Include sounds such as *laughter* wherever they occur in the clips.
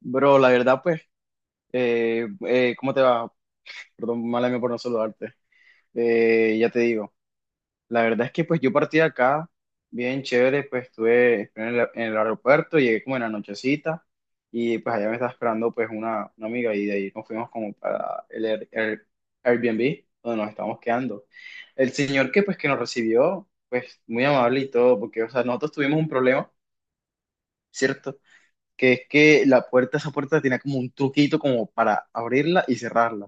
Bro, la verdad, pues, ¿cómo te va? Perdón, mala mía por no saludarte. Ya te digo, la verdad es que pues yo partí de acá, bien chévere, pues estuve en el aeropuerto, llegué como en la nochecita y pues allá me estaba esperando pues una amiga y de ahí nos fuimos como para el, Airbnb donde nos estábamos quedando. El señor que pues que nos recibió, pues muy amable y todo, porque o sea, nosotros tuvimos un problema, ¿cierto? Que es que la puerta, esa puerta tenía como un truquito como para abrirla y cerrarla.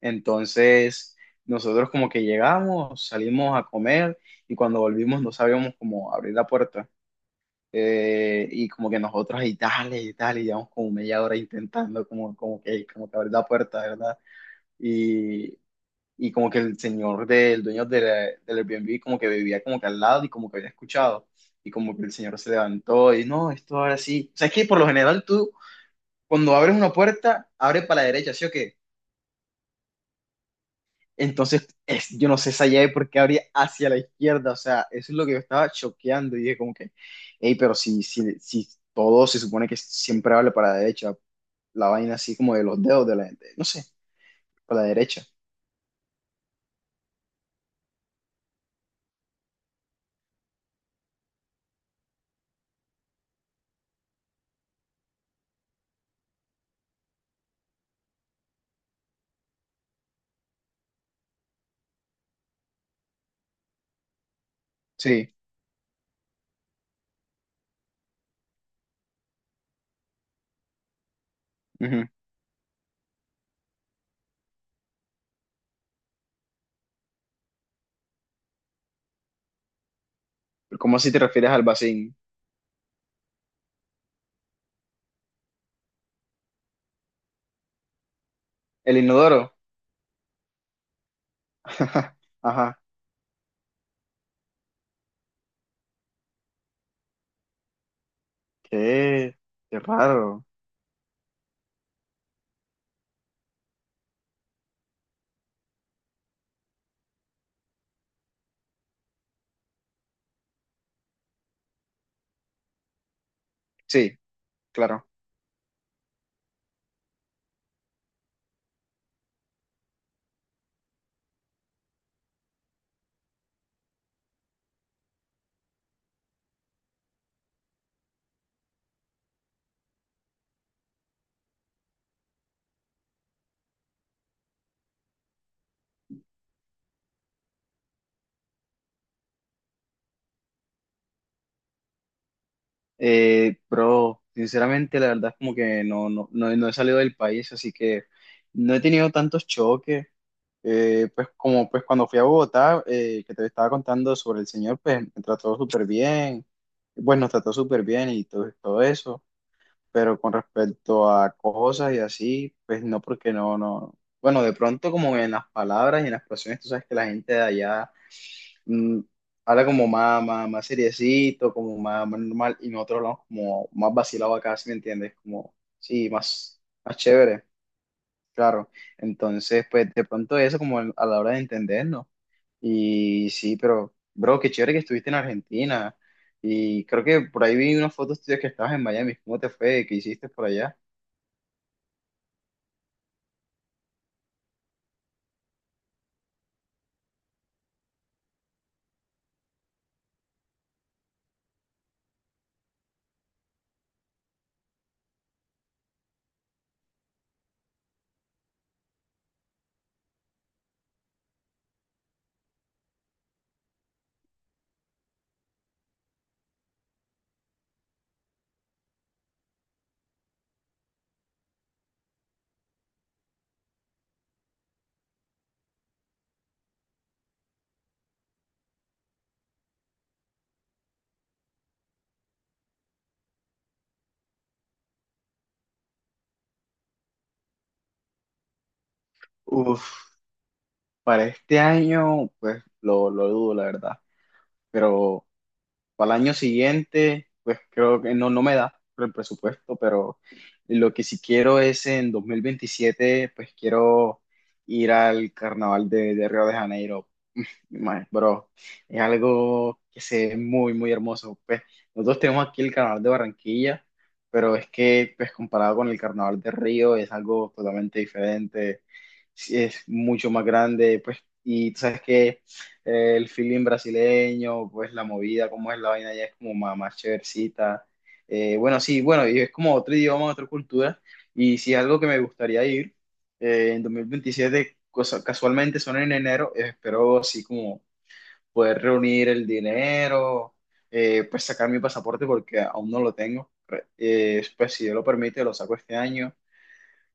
Entonces, nosotros como que llegamos, salimos a comer y cuando volvimos no sabíamos cómo abrir la puerta. Y como que nosotros y dale y dale, y llevamos como media hora intentando como, como que abrir la puerta, ¿verdad? Y, y como que el señor del dueño de del Airbnb como que vivía como que al lado y como que había escuchado. Y como que el señor se levantó y no, esto ahora sí. O sea, es que por lo general tú cuando abres una puerta, abre para la derecha, ¿sí o qué? Entonces, es, yo no sé esa llave por qué abría hacia la izquierda, o sea, eso es lo que yo estaba choqueando y dije como que, hey, pero si todo se supone que siempre abre para la derecha, la vaina así como de los dedos de la gente, no sé, para la derecha, sí. Ujú. Pero, ¿cómo así te refieres al vacín? ¿El inodoro? *laughs* Ajá, qué, qué raro. Sí, claro. Bro, sinceramente, la verdad es como que no he salido del país, así que no he tenido tantos choques. Pues como pues cuando fui a Bogotá, que te estaba contando sobre el señor, pues me trató súper bien, bueno nos trató súper bien y todo, todo eso, pero con respecto a cosas y así, pues no, porque no, bueno, de pronto como en las palabras y en las expresiones, tú sabes que la gente de allá mm, habla como más, más seriecito, como más, más normal, y nosotros hablamos como más vacilado acá, ¿si me entiendes? Como, sí, más, más chévere, claro. Entonces, pues de pronto eso como a la hora de entendernos. Y sí, pero, bro, qué chévere que estuviste en Argentina. Y creo que por ahí vi unas fotos tuyas que estabas en Miami. ¿Cómo te fue? ¿Qué hiciste por allá? Uf, para este año, pues lo dudo, la verdad. Pero para el año siguiente, pues creo que no, no me da por el presupuesto, pero lo que sí quiero es en 2027, pues quiero ir al carnaval de Río de Janeiro. Mae, bro, es algo que se ve muy, muy hermoso. Pues nosotros tenemos aquí el carnaval de Barranquilla, pero es que, pues comparado con el carnaval de Río, es algo totalmente diferente. Sí, es mucho más grande, pues, y tú sabes que el feeling brasileño, pues la movida, cómo es la vaina, ya es como más, más chéversita. Bueno, sí, bueno, y es como otro idioma, otra cultura, y sí es algo que me gustaría ir en 2027, casualmente son en enero, espero así como poder reunir el dinero, pues sacar mi pasaporte porque aún no lo tengo. Pues si Dios lo permite, lo saco este año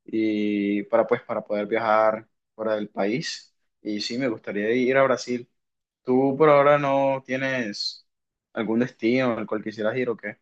y para poder viajar fuera del país. Y sí, me gustaría ir a Brasil. ¿Tú por ahora no tienes algún destino al cual quisieras ir o qué?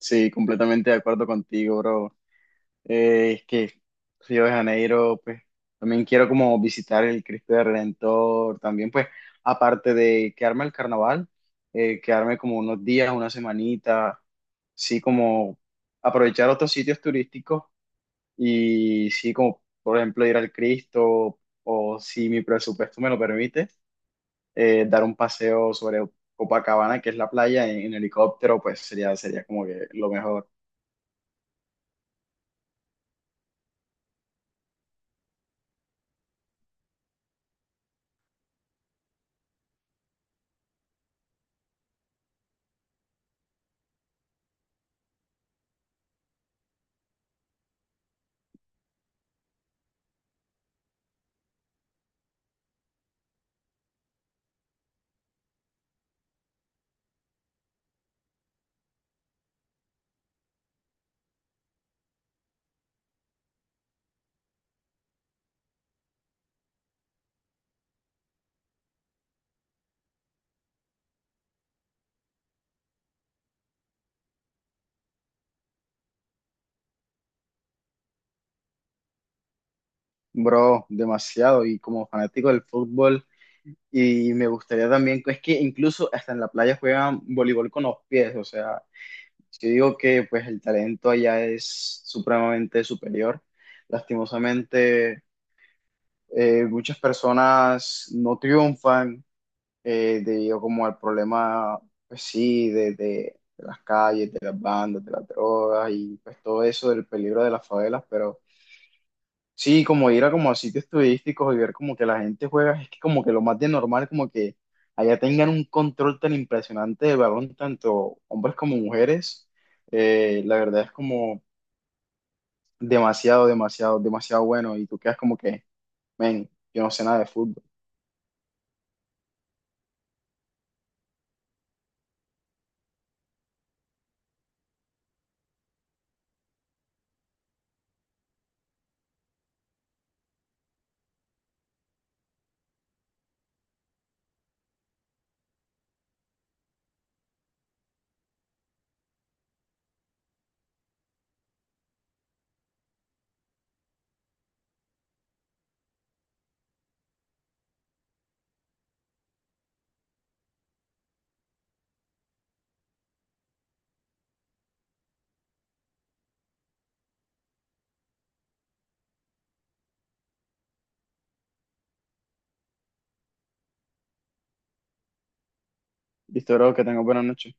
Sí, completamente de acuerdo contigo, bro. Es que Río de Janeiro, pues también quiero como visitar el Cristo de Redentor, también pues aparte de quedarme al carnaval, quedarme como unos días, una semanita, sí como aprovechar otros sitios turísticos y sí como por ejemplo ir al Cristo o si mi presupuesto me lo permite, dar un paseo sobre Copacabana, que es la playa, en helicóptero, pues sería, sería como que lo mejor. Bro, demasiado. Y como fanático del fútbol. Y me gustaría también, es que incluso hasta en la playa juegan voleibol con los pies, o sea, yo digo que pues el talento allá es supremamente superior. Lastimosamente, muchas personas no triunfan debido como al problema, pues sí, de las calles, de las bandas, de las drogas y pues todo eso del peligro de las favelas, pero sí, como ir a como a sitios turísticos y ver como que la gente juega, es que como que lo más de normal, como que allá tengan un control tan impresionante del balón, tanto hombres como mujeres, la verdad es como demasiado, demasiado, demasiado bueno y tú quedas como que, men, yo no sé nada de fútbol. Listo, bro, que tengas buena noche.